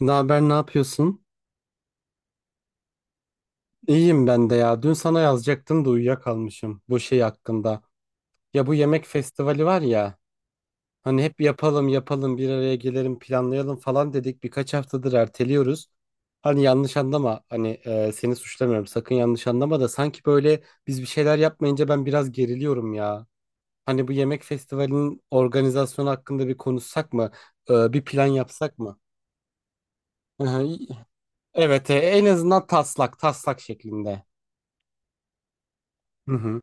Ne haber, ne yapıyorsun? İyiyim ben de ya. Dün sana yazacaktım da uyuyakalmışım bu şey hakkında. Ya bu yemek festivali var ya. Hani hep yapalım yapalım bir araya gelelim planlayalım falan dedik. Birkaç haftadır erteliyoruz. Hani yanlış anlama. Hani seni suçlamıyorum. Sakın yanlış anlama da sanki böyle biz bir şeyler yapmayınca ben biraz geriliyorum ya. Hani bu yemek festivalinin organizasyonu hakkında bir konuşsak mı? Bir plan yapsak mı? Hı hı. Evet, en azından taslak taslak şeklinde. Hı hı.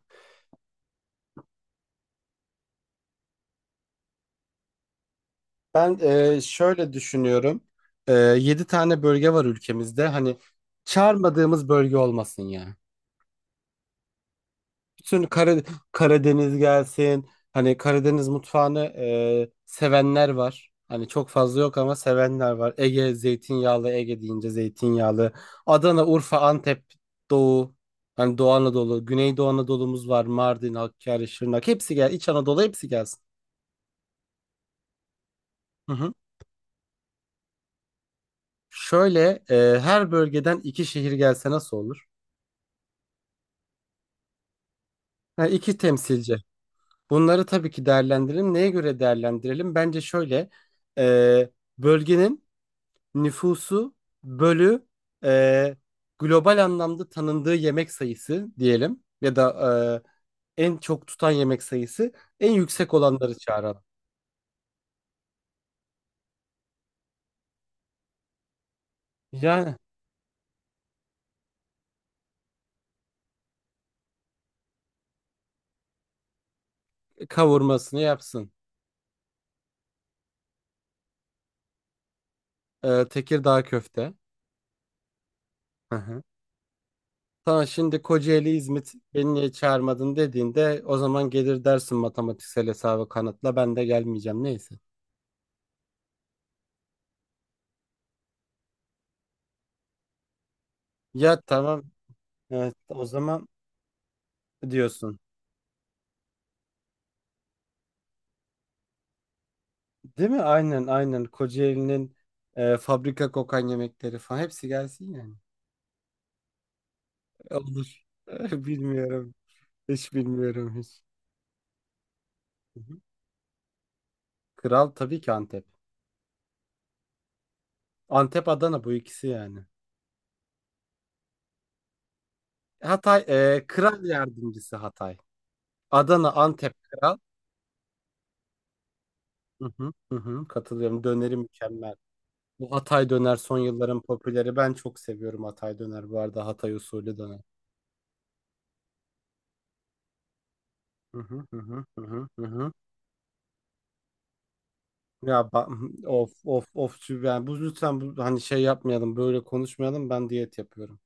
Ben şöyle düşünüyorum. 7 tane bölge var ülkemizde. Hani çağırmadığımız bölge olmasın ya. Bütün Karadeniz gelsin. Hani Karadeniz mutfağını sevenler var. Hani çok fazla yok ama sevenler var. Ege zeytinyağlı, Ege deyince zeytinyağlı. Adana, Urfa, Antep, Doğu. Hani Doğu Anadolu, Güneydoğu Anadolu'muz var. Mardin, Hakkari, Şırnak. Hepsi gel. İç Anadolu hepsi gelsin. Hı hı. Şöyle her bölgeden iki şehir gelse nasıl olur? Ha, iki temsilci. Bunları tabii ki değerlendirelim. Neye göre değerlendirelim? Bence şöyle e, bölgenin nüfusu bölü e, global anlamda tanındığı yemek sayısı diyelim ya da en çok tutan yemek sayısı en yüksek olanları çağıralım. Yani kavurmasını yapsın. Tekirdağ köfte. Hı hı. Sana şimdi Kocaeli, İzmit beni niye çağırmadın dediğinde o zaman gelir dersin matematiksel hesabı kanıtla ben de gelmeyeceğim neyse. Ya tamam. Evet, o zaman diyorsun. Değil mi? Aynen aynen. Kocaeli'nin fabrika kokan yemekleri falan hepsi gelsin yani. Olur. Bilmiyorum. Hiç bilmiyorum hiç. Hı hı. Kral tabii ki Antep. Antep Adana bu ikisi yani. Hatay kral yardımcısı Hatay. Adana Antep kral. Hı hı, hı hı, katılıyorum. Döneri mükemmel. Bu Hatay döner son yılların popüleri. Ben çok seviyorum Hatay döner, bu arada, Hatay usulü döner. Hı hı, hı hı, hı hı, hı hı. Ya ba- yani bu lütfen bu, hani şey yapmayalım, böyle konuşmayalım, ben diyet yapıyorum.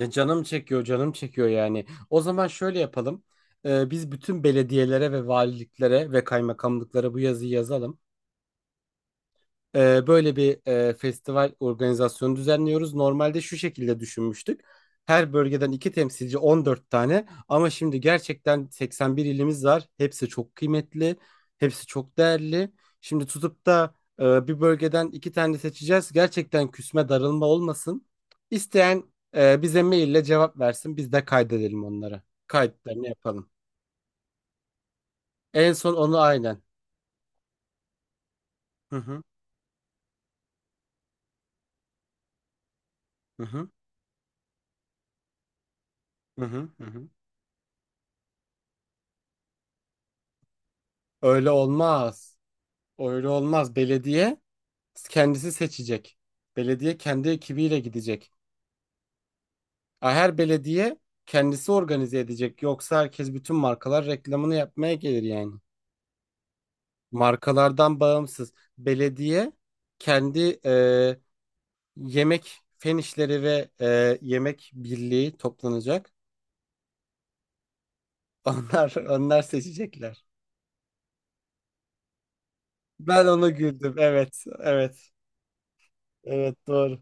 Ya canım çekiyor canım çekiyor yani. O zaman şöyle yapalım. Biz bütün belediyelere ve valiliklere ve kaymakamlıklara bu yazıyı yazalım. Böyle bir festival organizasyonu düzenliyoruz. Normalde şu şekilde düşünmüştük. Her bölgeden iki temsilci, 14 tane, ama şimdi gerçekten 81 ilimiz var. Hepsi çok kıymetli, hepsi çok değerli. Şimdi tutup da bir bölgeden iki tane seçeceğiz. Gerçekten küsme darılma olmasın. İsteyen bize maille cevap versin. Biz de kaydedelim onları. Kayıtlarını yapalım. En son onu, aynen. Hı hı, hı hı, hı hı, hı hı. Öyle olmaz. Öyle olmaz. Belediye kendisi seçecek. Belediye kendi ekibiyle gidecek. Ha, her belediye kendisi organize edecek. Yoksa herkes, bütün markalar, reklamını yapmaya gelir yani. Markalardan bağımsız. Belediye kendi yemek fen işleri ve yemek birliği toplanacak. Onlar seçecekler. Ben ona güldüm. Evet, evet. Evet, doğru.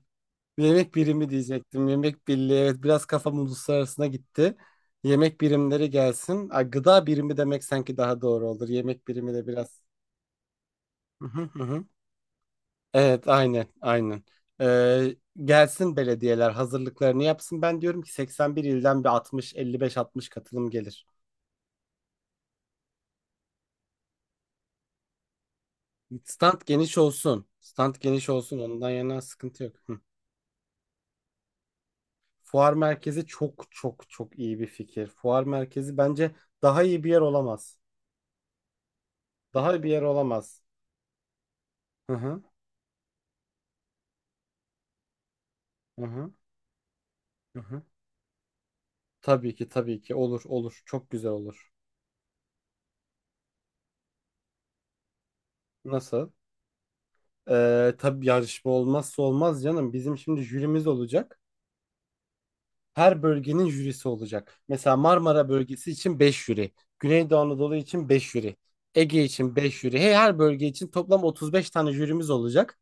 Yemek birimi diyecektim. Yemek birliği. Evet, biraz kafam uluslararasına gitti. Yemek birimleri gelsin. Ay, gıda birimi demek sanki daha doğru olur. Yemek birimi de biraz. Hı hı hı hı. Evet, aynen, aynen. Ee, Gelsin belediyeler, hazırlıklarını yapsın. Ben diyorum ki 81 ilden bir 60, 55-60 katılım gelir. Stand geniş olsun. Stand geniş olsun. Ondan yana sıkıntı yok. Hı. Fuar merkezi çok çok çok iyi bir fikir. Fuar merkezi bence daha iyi bir yer olamaz. Daha iyi bir yer olamaz. Hı hı, hı hı, hı hı. Tabii ki tabii ki olur olur, çok güzel olur. Nasıl? Tabii yarışma olmazsa olmaz, canım. Bizim şimdi jürimiz olacak. Her bölgenin jürisi olacak. Mesela Marmara bölgesi için 5 jüri. Güneydoğu Anadolu için 5 jüri. Ege için 5 jüri. Her bölge için toplam 35 tane jürimiz olacak.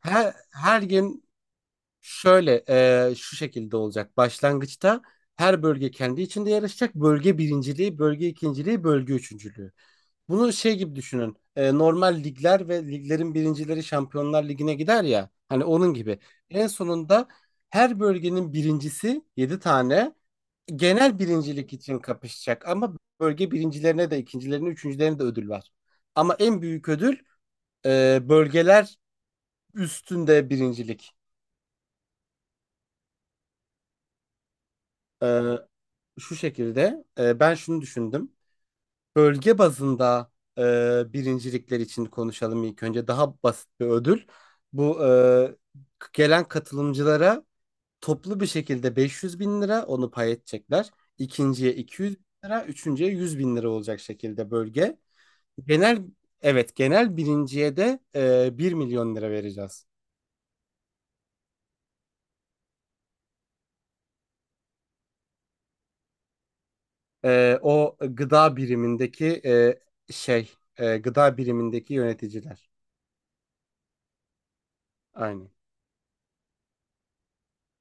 Her gün şöyle şu şekilde olacak. Başlangıçta her bölge kendi içinde yarışacak. Bölge birinciliği, bölge ikinciliği, bölge üçüncülüğü. Bunu şey gibi düşünün. Normal ligler ve liglerin birincileri Şampiyonlar Ligi'ne gider ya. Hani onun gibi. En sonunda her bölgenin birincisi, 7 tane, genel birincilik için kapışacak. Ama bölge birincilerine de, ikincilerine, üçüncülerine de ödül var. Ama en büyük ödül bölgeler üstünde birincilik. E, Şu şekilde, ben şunu düşündüm. Bölge bazında birincilikler için konuşalım ilk önce. Daha basit bir ödül. Bu, gelen katılımcılara toplu bir şekilde 500 bin lira, onu pay edecekler. İkinciye 200 bin lira, üçüncüye 100 bin lira olacak şekilde, bölge. Genel, evet, genel birinciye de 1 milyon lira vereceğiz. O gıda birimindeki gıda birimindeki yöneticiler. Aynen,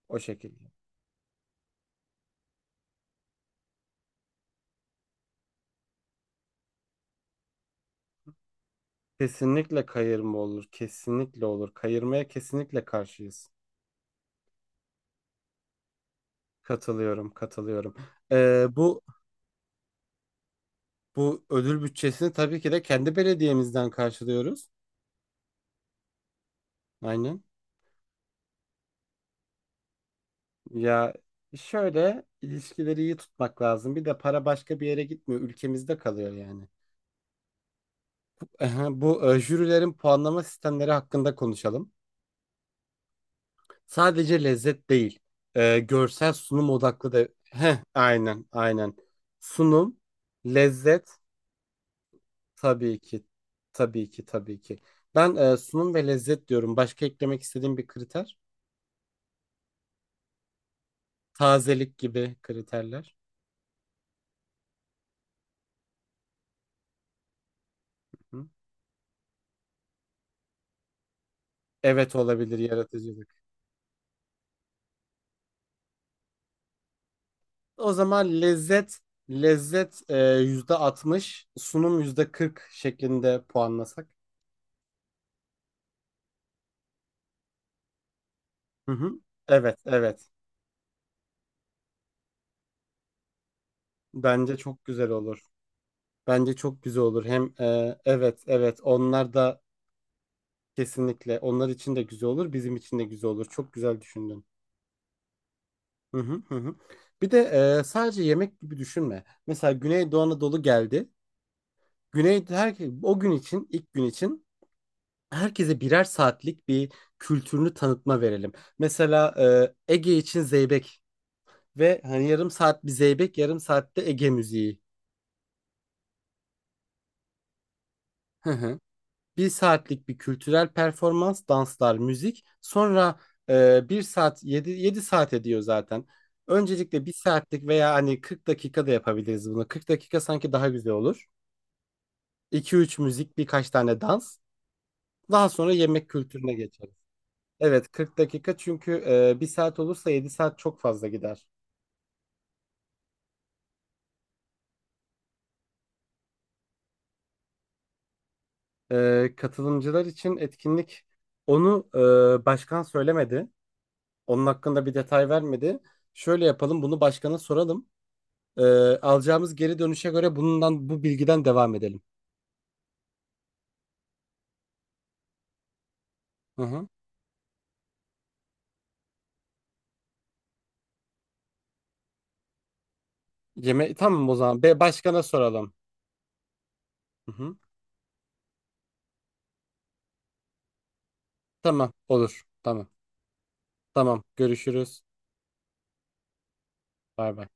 o şekilde. Kesinlikle kayırma olur. Kesinlikle olur. Kayırmaya kesinlikle karşıyız. Katılıyorum, katılıyorum. Ee, bu bu ödül bütçesini tabii ki de kendi belediyemizden karşılıyoruz. Aynen. Ya, şöyle, ilişkileri iyi tutmak lazım. Bir de para başka bir yere gitmiyor. Ülkemizde kalıyor yani. Aha, bu jürilerin puanlama sistemleri hakkında konuşalım. Sadece lezzet değil. Görsel sunum odaklı da. Heh, aynen, aynen. Sunum, lezzet. Tabii ki. Tabii ki, tabii ki. Ben sunum ve lezzet diyorum. Başka eklemek istediğim bir kriter. Tazelik gibi kriterler. Hı. Evet, olabilir yaratıcılık. O zaman lezzet yüzde %60, sunum yüzde %40 şeklinde puanlasak. Hı hı. Evet, evet. Bence çok güzel olur. Bence çok güzel olur. Hem evet, evet. Onlar da kesinlikle, onlar için de güzel olur, bizim için de güzel olur. Çok güzel düşündün. Hı hı hı. Hı. Bir de sadece yemek gibi düşünme. Mesela Güneydoğu Anadolu geldi. Her o gün için, ilk gün için, herkese birer saatlik bir kültürünü tanıtma verelim. Mesela Ege için zeybek, ve hani yarım saat bir zeybek, yarım saatte Ege müziği. Hı hı. Bir saatlik bir kültürel performans, danslar, müzik. Sonra bir saat, yedi saat ediyor zaten. Öncelikle bir saatlik veya hani 40 dakika da yapabiliriz bunu. 40 dakika sanki daha güzel olur. 2 üç müzik, birkaç tane dans. Daha sonra yemek kültürüne geçeriz. Evet, 40 dakika, çünkü 1 saat olursa 7 saat çok fazla gider. Katılımcılar için etkinlik, onu başkan söylemedi. Onun hakkında bir detay vermedi. Şöyle yapalım, bunu başkana soralım. E, alacağımız geri dönüşe göre bu bilgiden devam edelim. Hı hı. Tamam o zaman. Be, başkana soralım. Hı hı. Tamam, olur. Tamam. Tamam. Görüşürüz. Bay bay.